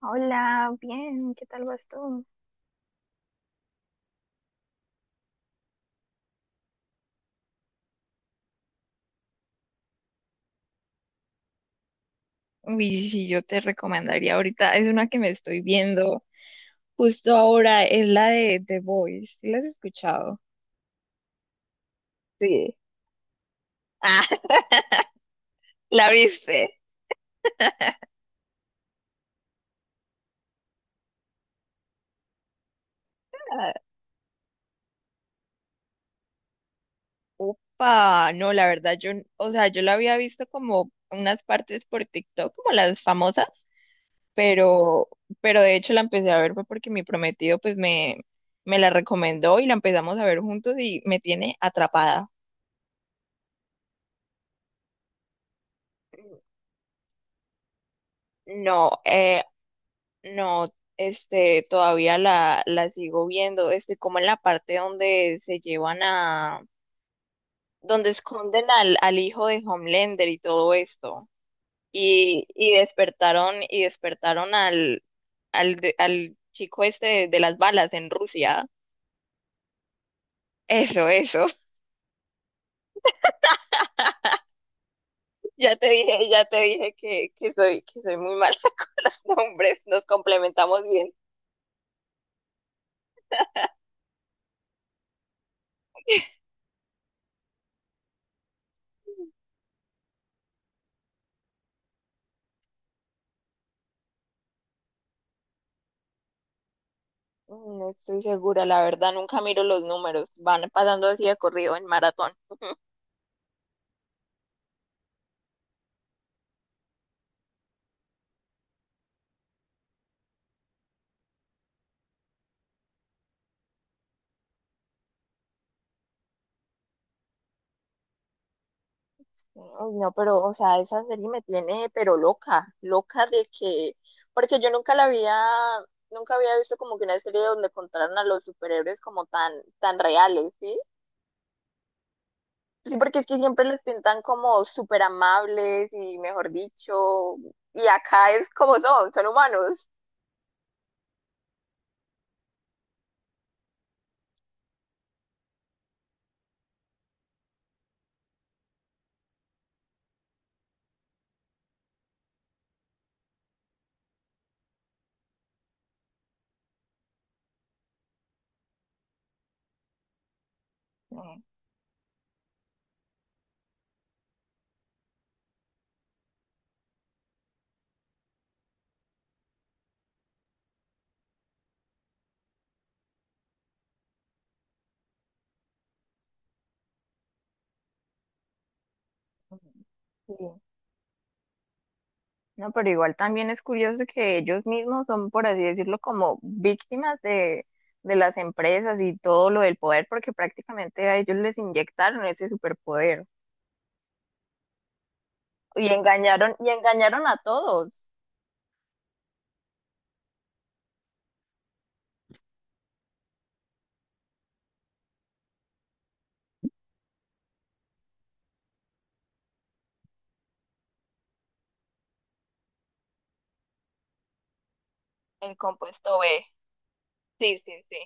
Hola, bien, ¿qué tal vas tú? Y si yo te recomendaría ahorita, es una que me estoy viendo justo ahora, es la de The Voice. ¿Sí la has escuchado? Sí. Ah, ¿la viste? Ah, upa, no, la verdad, yo, o sea, yo la había visto como unas partes por TikTok, como las famosas, pero, pero de hecho la empecé a ver fue porque mi prometido pues me la recomendó y la empezamos a ver juntos y me tiene atrapada. No, no, este, todavía la sigo viendo, este, como en la parte donde se llevan a, donde esconden al, al hijo de Homelander y todo esto. Y despertaron al, al chico este de las balas en Rusia. Eso, eso. Ya te dije que soy muy mala con los nombres, nos complementamos bien. No estoy segura, la verdad, nunca miro los números, van pasando así de corrido en maratón. Uy, no, pero, o sea, esa serie me tiene, pero loca, loca de que, porque yo nunca la había, nunca había visto como que una serie donde contaran a los superhéroes como tan, tan reales, ¿sí? Sí, porque es que siempre los pintan como súper amables y mejor dicho, y acá es como son, son humanos. Mm, mm. Sí, no, pero igual también es curioso que ellos mismos son, por así decirlo, como víctimas de las empresas y todo lo del poder, porque prácticamente a ellos les inyectaron ese superpoder y engañaron a todos. En compuesto B. Sí, sí, sí.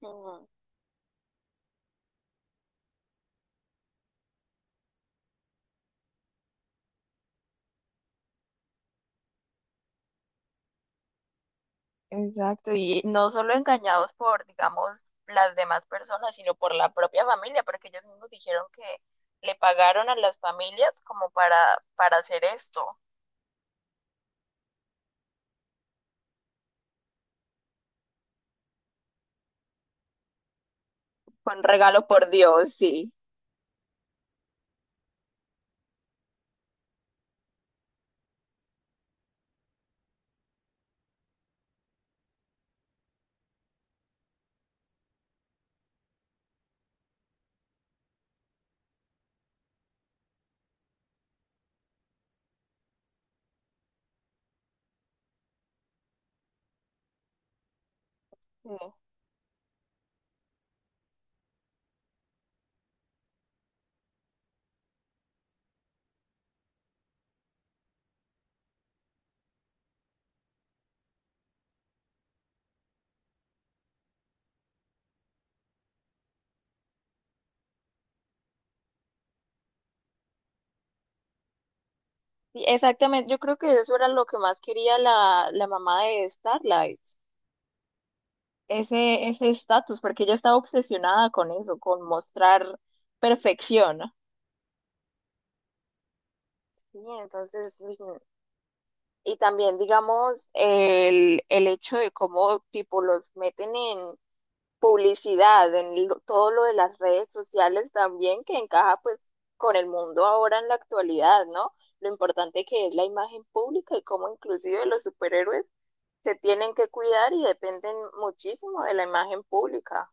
Ujú. Exacto, y no solo engañados por, digamos, las demás personas, sino por la propia familia, porque ellos mismos dijeron que le pagaron a las familias como para hacer esto. Fue un regalo por Dios, sí. No. Sí, exactamente, yo creo que eso era lo que más quería la, la mamá de Starlight, ese ese estatus, porque ella estaba obsesionada con eso, con mostrar perfección. Sí, entonces, y también digamos el hecho de cómo tipo los meten en, publicidad, en lo- todo lo de las redes sociales también, que encaja pues con el mundo ahora en la actualidad, ¿no? Lo importante que es la imagen pública y cómo inclusive los superhéroes se tienen que cuidar y dependen muchísimo de la imagen pública.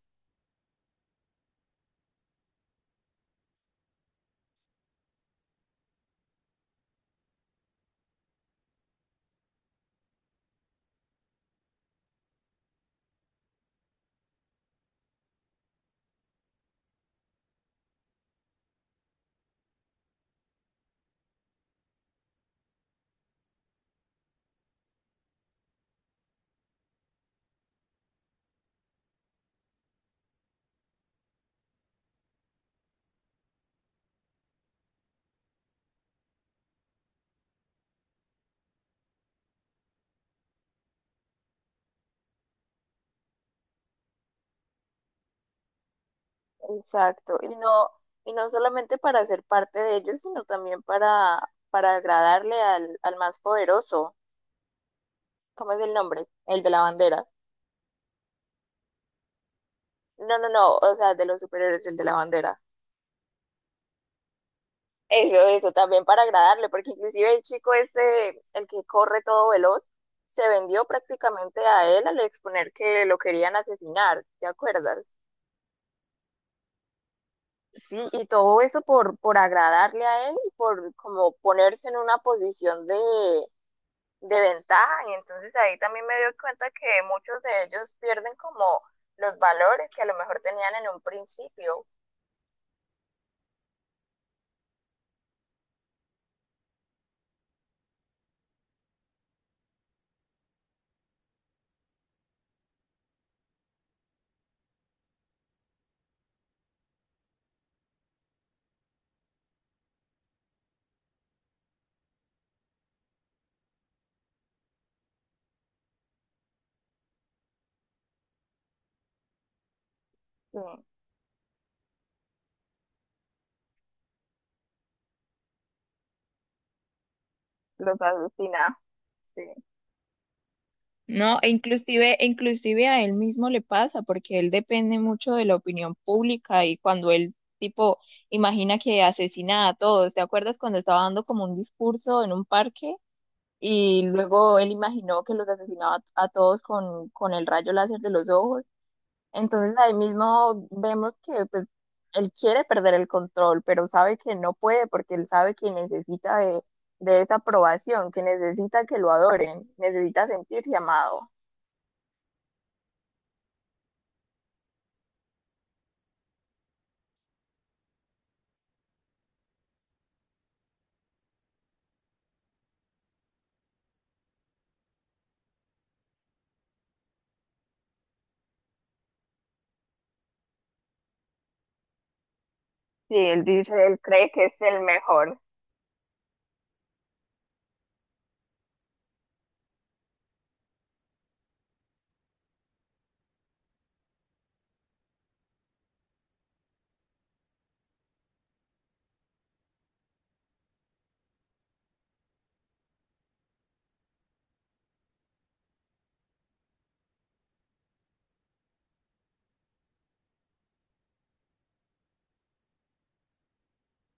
Exacto. Y no solamente para ser parte de ellos, sino también para agradarle al, al más poderoso. ¿Cómo es el nombre? El de la bandera. No, no, no, o sea, de los superhéroes, el de la bandera. Eso también para agradarle, porque inclusive el chico ese, el que corre todo veloz, se vendió prácticamente a él al exponer que lo querían asesinar, ¿te acuerdas? Sí, y todo eso por agradarle a él y por como ponerse en una posición de ventaja. Y entonces ahí también me doy cuenta que muchos de ellos pierden como los valores que a lo mejor tenían en un principio. Mm, los asesina. Sí. No, e inclusive a él mismo le pasa, porque él depende mucho de la opinión pública y cuando él, tipo, imagina que asesina a todos, ¿te acuerdas cuando estaba dando como un discurso en un parque y luego él imaginó que los asesinaba a todos con el rayo láser de los ojos? Entonces ahí mismo vemos que pues él quiere perder el control, pero sabe que no puede porque él sabe que necesita de esa aprobación, que necesita que lo adoren, necesita sentirse amado. Sí, él dice, él cree que es el mejor.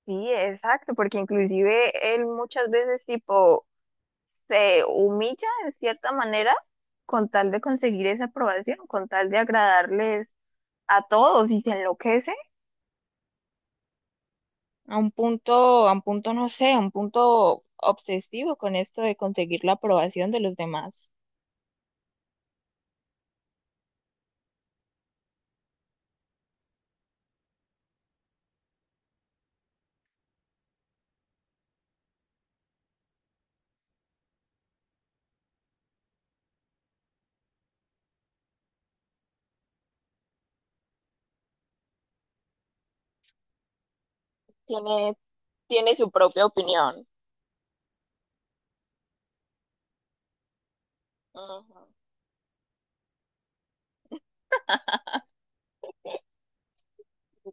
Sí, exacto, porque inclusive él muchas veces tipo se humilla de cierta manera con tal de conseguir esa aprobación, con tal de agradarles a todos y se enloquece a un punto, no sé, a un punto obsesivo con esto de conseguir la aprobación de los demás. Tiene, tiene su propia opinión. Ujú.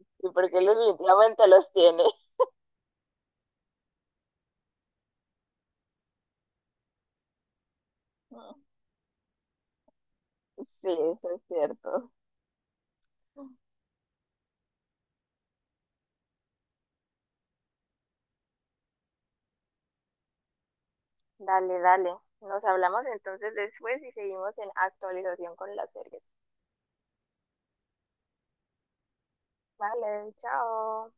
Sí, porque él definitivamente los tiene. Ujú. Sí, eso es cierto. Dale, dale. Nos hablamos entonces después y seguimos en actualización con las series. Vale, chao.